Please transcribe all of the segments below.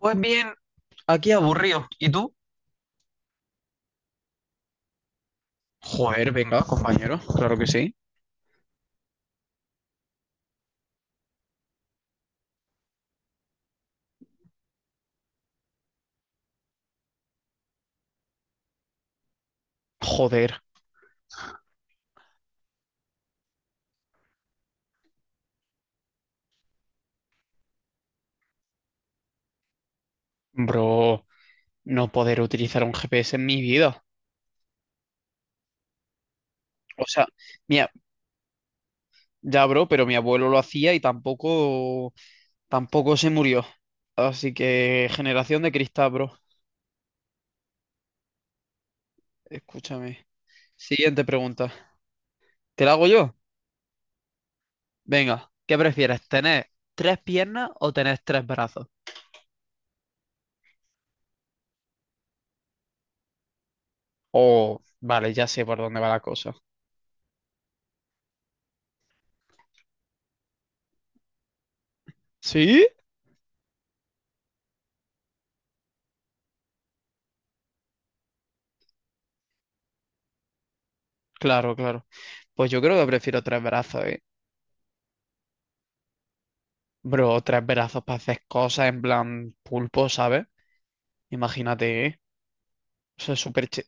Pues bien, aquí aburrido. ¿Y tú? Joder, venga, compañero, claro que sí. Joder, bro, no poder utilizar un GPS en mi vida. O sea, mira, ya, bro, pero mi abuelo lo hacía y tampoco se murió. Así que, generación de cristal, bro. Escúchame. Siguiente pregunta. ¿Te la hago yo? Venga, ¿qué prefieres, tener tres piernas o tener tres brazos? Oh, vale, ya sé por dónde va la cosa. ¿Sí? Claro, claro. Pues yo creo que prefiero tres brazos, ¿eh? Bro, tres brazos para hacer cosas en plan pulpo, ¿sabes? Imagínate, ¿eh? Eso es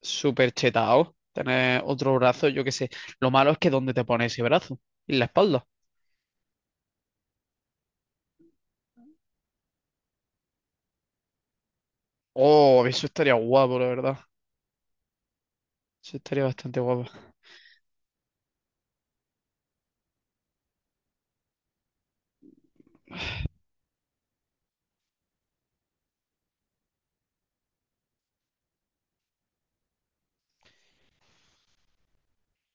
súper chetado. Tener otro brazo, yo qué sé. Lo malo es que ¿dónde te pones ese brazo? En la espalda. Oh, eso estaría guapo, la verdad. Eso estaría bastante guapo.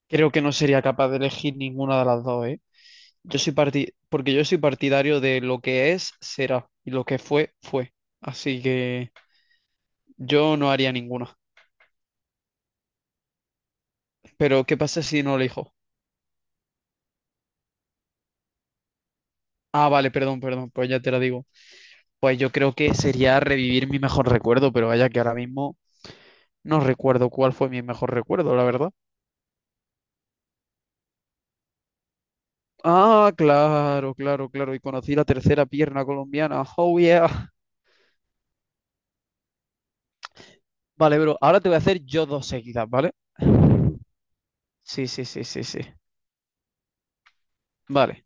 Creo que no sería capaz de elegir ninguna de las dos, ¿eh? Porque yo soy partidario de lo que es, será. Y lo que fue, fue. Así que yo no haría ninguna. Pero, ¿qué pasa si no elijo? Ah, vale, perdón, perdón, pues ya te lo digo. Pues yo creo que sería revivir mi mejor recuerdo, pero vaya que ahora mismo no recuerdo cuál fue mi mejor recuerdo, la verdad. Ah, claro, claro, claro. Y conocí la tercera pierna colombiana. Oh, yeah. Vale, bro, ahora te voy a hacer yo dos seguidas, ¿vale? Sí, sí, sí, sí, sí. Vale.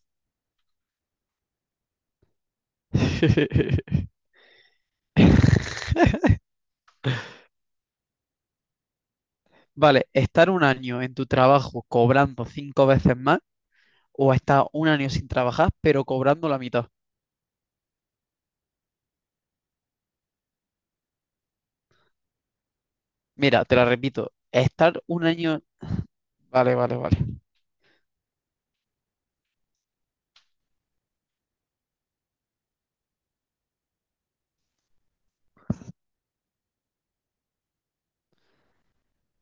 Vale, estar un año en tu trabajo cobrando cinco veces más o estar un año sin trabajar, pero cobrando la mitad. Mira, te la repito, estar un año, vale, vale, vale.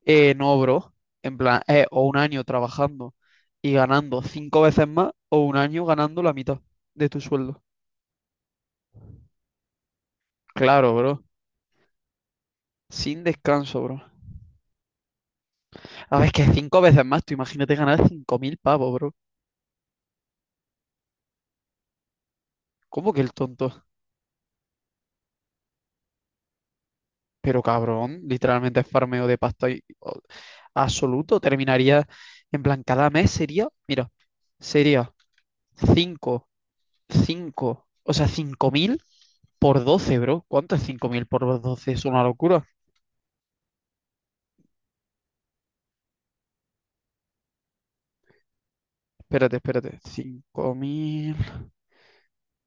No, bro, en plan, o un año trabajando y ganando cinco veces más, o un año ganando la mitad de tu sueldo. Claro, bro, sin descanso, bro. A ver, es que cinco veces más, tú imagínate ganar 5.000 pavos, bro. ¿Cómo que el tonto? Pero cabrón, literalmente es farmeo de pasta absoluto. Terminaría, en plan, cada mes sería, mira, sería cinco, o sea, 5.000. Por 12, bro. ¿Cuánto es 5.000 por doce? Es una locura. Espérate, espérate. 5.000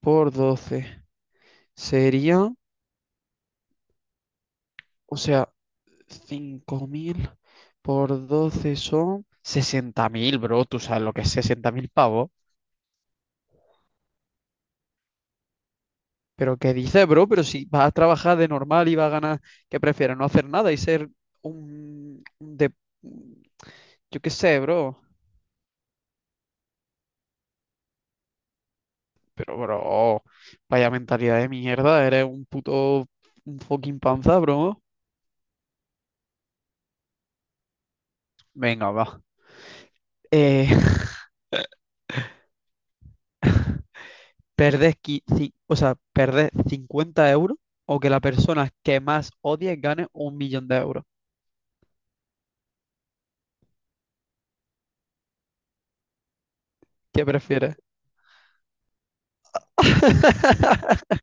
por doce, sería, o sea, 5.000 por 12 son 60.000, bro. Tú sabes lo que es 60.000 pavos. Pero ¿qué dices, bro? Pero si vas a trabajar de normal y vas a ganar, ¿qué prefieres? No hacer nada y ser un... un de... yo qué sé, bro. Pero, bro, vaya mentalidad de mierda. Eres un fucking panza, bro. Venga, va. Eh, perdés, qui- ci- o sea, perdés 50 € o que la persona que más odies gane 1 millón de euros. ¿Qué prefieres?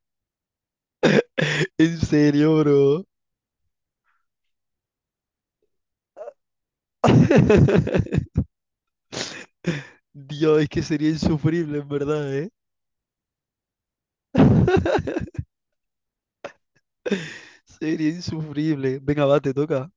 ¿En serio, bro? Dios, es que sería insufrible, en verdad, ¿eh? Sería insufrible. Venga, va, te toca.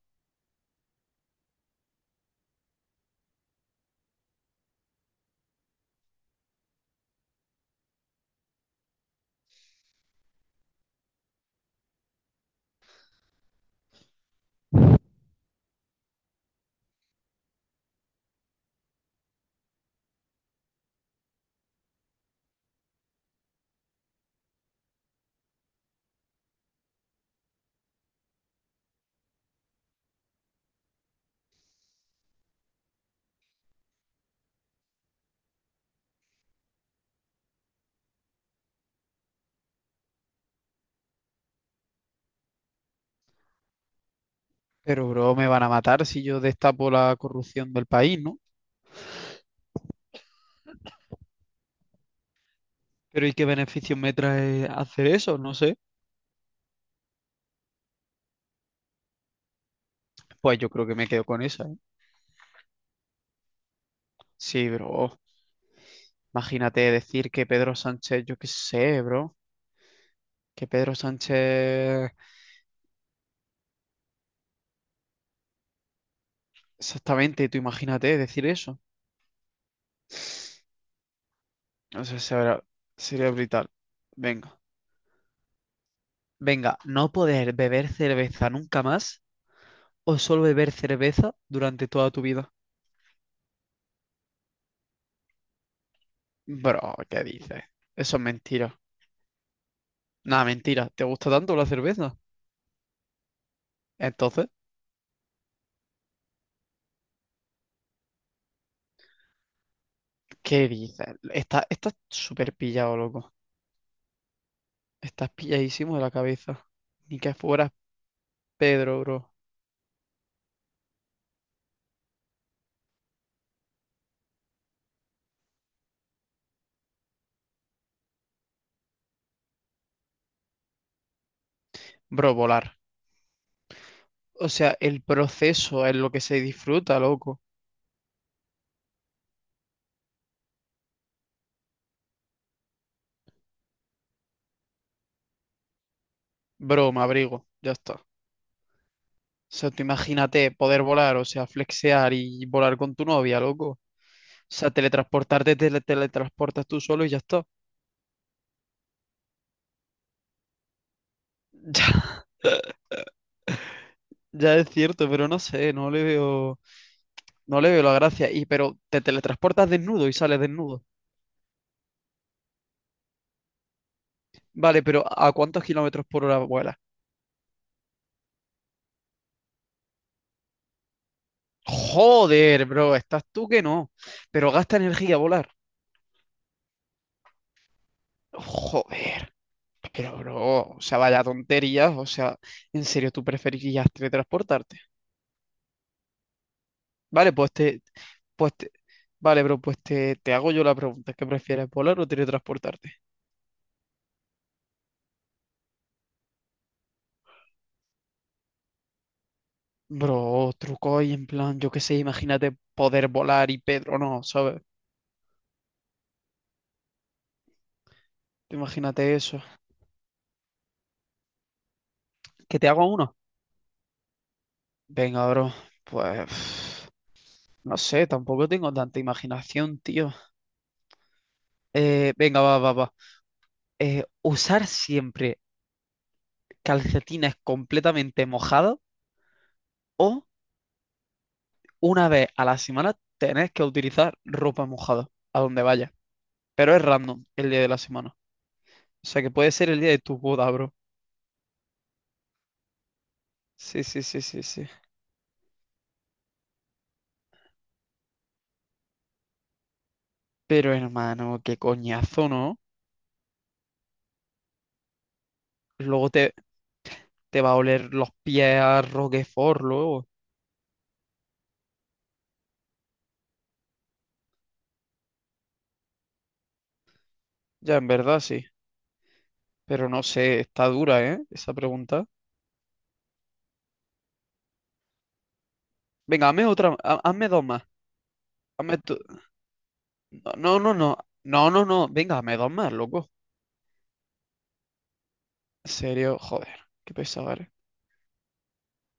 Pero, bro, me van a matar si yo destapo la corrupción del país, ¿no? Pero ¿y qué beneficios me trae hacer eso? No sé. Pues yo creo que me quedo con esa, ¿eh? Sí, bro. Imagínate decir que Pedro Sánchez, yo qué sé, bro. Que Pedro Sánchez... Exactamente, tú imagínate decir eso. O sea, sería brutal. Venga. Venga, no poder beber cerveza nunca más o solo beber cerveza durante toda tu vida. Bro, ¿qué dices? Eso es mentira. Nada, mentira. ¿Te gusta tanto la cerveza? Entonces, ¿qué dices? Está súper pillado, loco. Estás pilladísimo de la cabeza. Ni que fuera Pedro, bro. Bro, volar. O sea, el proceso es lo que se disfruta, loco. Bro, me abrigo, ya está. O sea, tú imagínate poder volar, o sea, flexear y volar con tu novia, loco. O sea, teletransportarte, teletransportas tú solo y ya está. Ya, ya es cierto, pero no sé, no le veo la gracia. Y pero te teletransportas desnudo y sales desnudo. Vale, pero ¿a cuántos kilómetros por hora vuelas? Joder, bro, estás tú que no. Pero gasta energía volar. Joder. Pero, bro, o sea, vaya tonterías, o sea, en serio, tú preferirías teletransportarte. Vale, pues te- vale, bro, te hago yo la pregunta, ¿qué prefieres, volar o teletransportarte? Bro, truco y en plan, yo qué sé, imagínate poder volar y Pedro no, ¿sabes? Imagínate eso. ¿Que te hago uno? Venga, bro, pues, no sé, tampoco tengo tanta imaginación, tío. Venga, va, va, va. Usar siempre calcetines completamente mojados o una vez a la semana tenés que utilizar ropa mojada a donde vayas. Pero es random el día de la semana. O sea que puede ser el día de tu boda, bro. Sí, sí, sí, sí, sí. Pero hermano, qué coñazo, ¿no? Luego te va a oler los pies a Roquefort luego. Ya, en verdad sí. Pero no sé, está dura, ¿eh? Esa pregunta. Venga, hazme otra, hazme dos más. Hazme tú- No, no, no. No, no, no. Venga, hazme dos más, loco. En serio, joder. Qué pesado eres.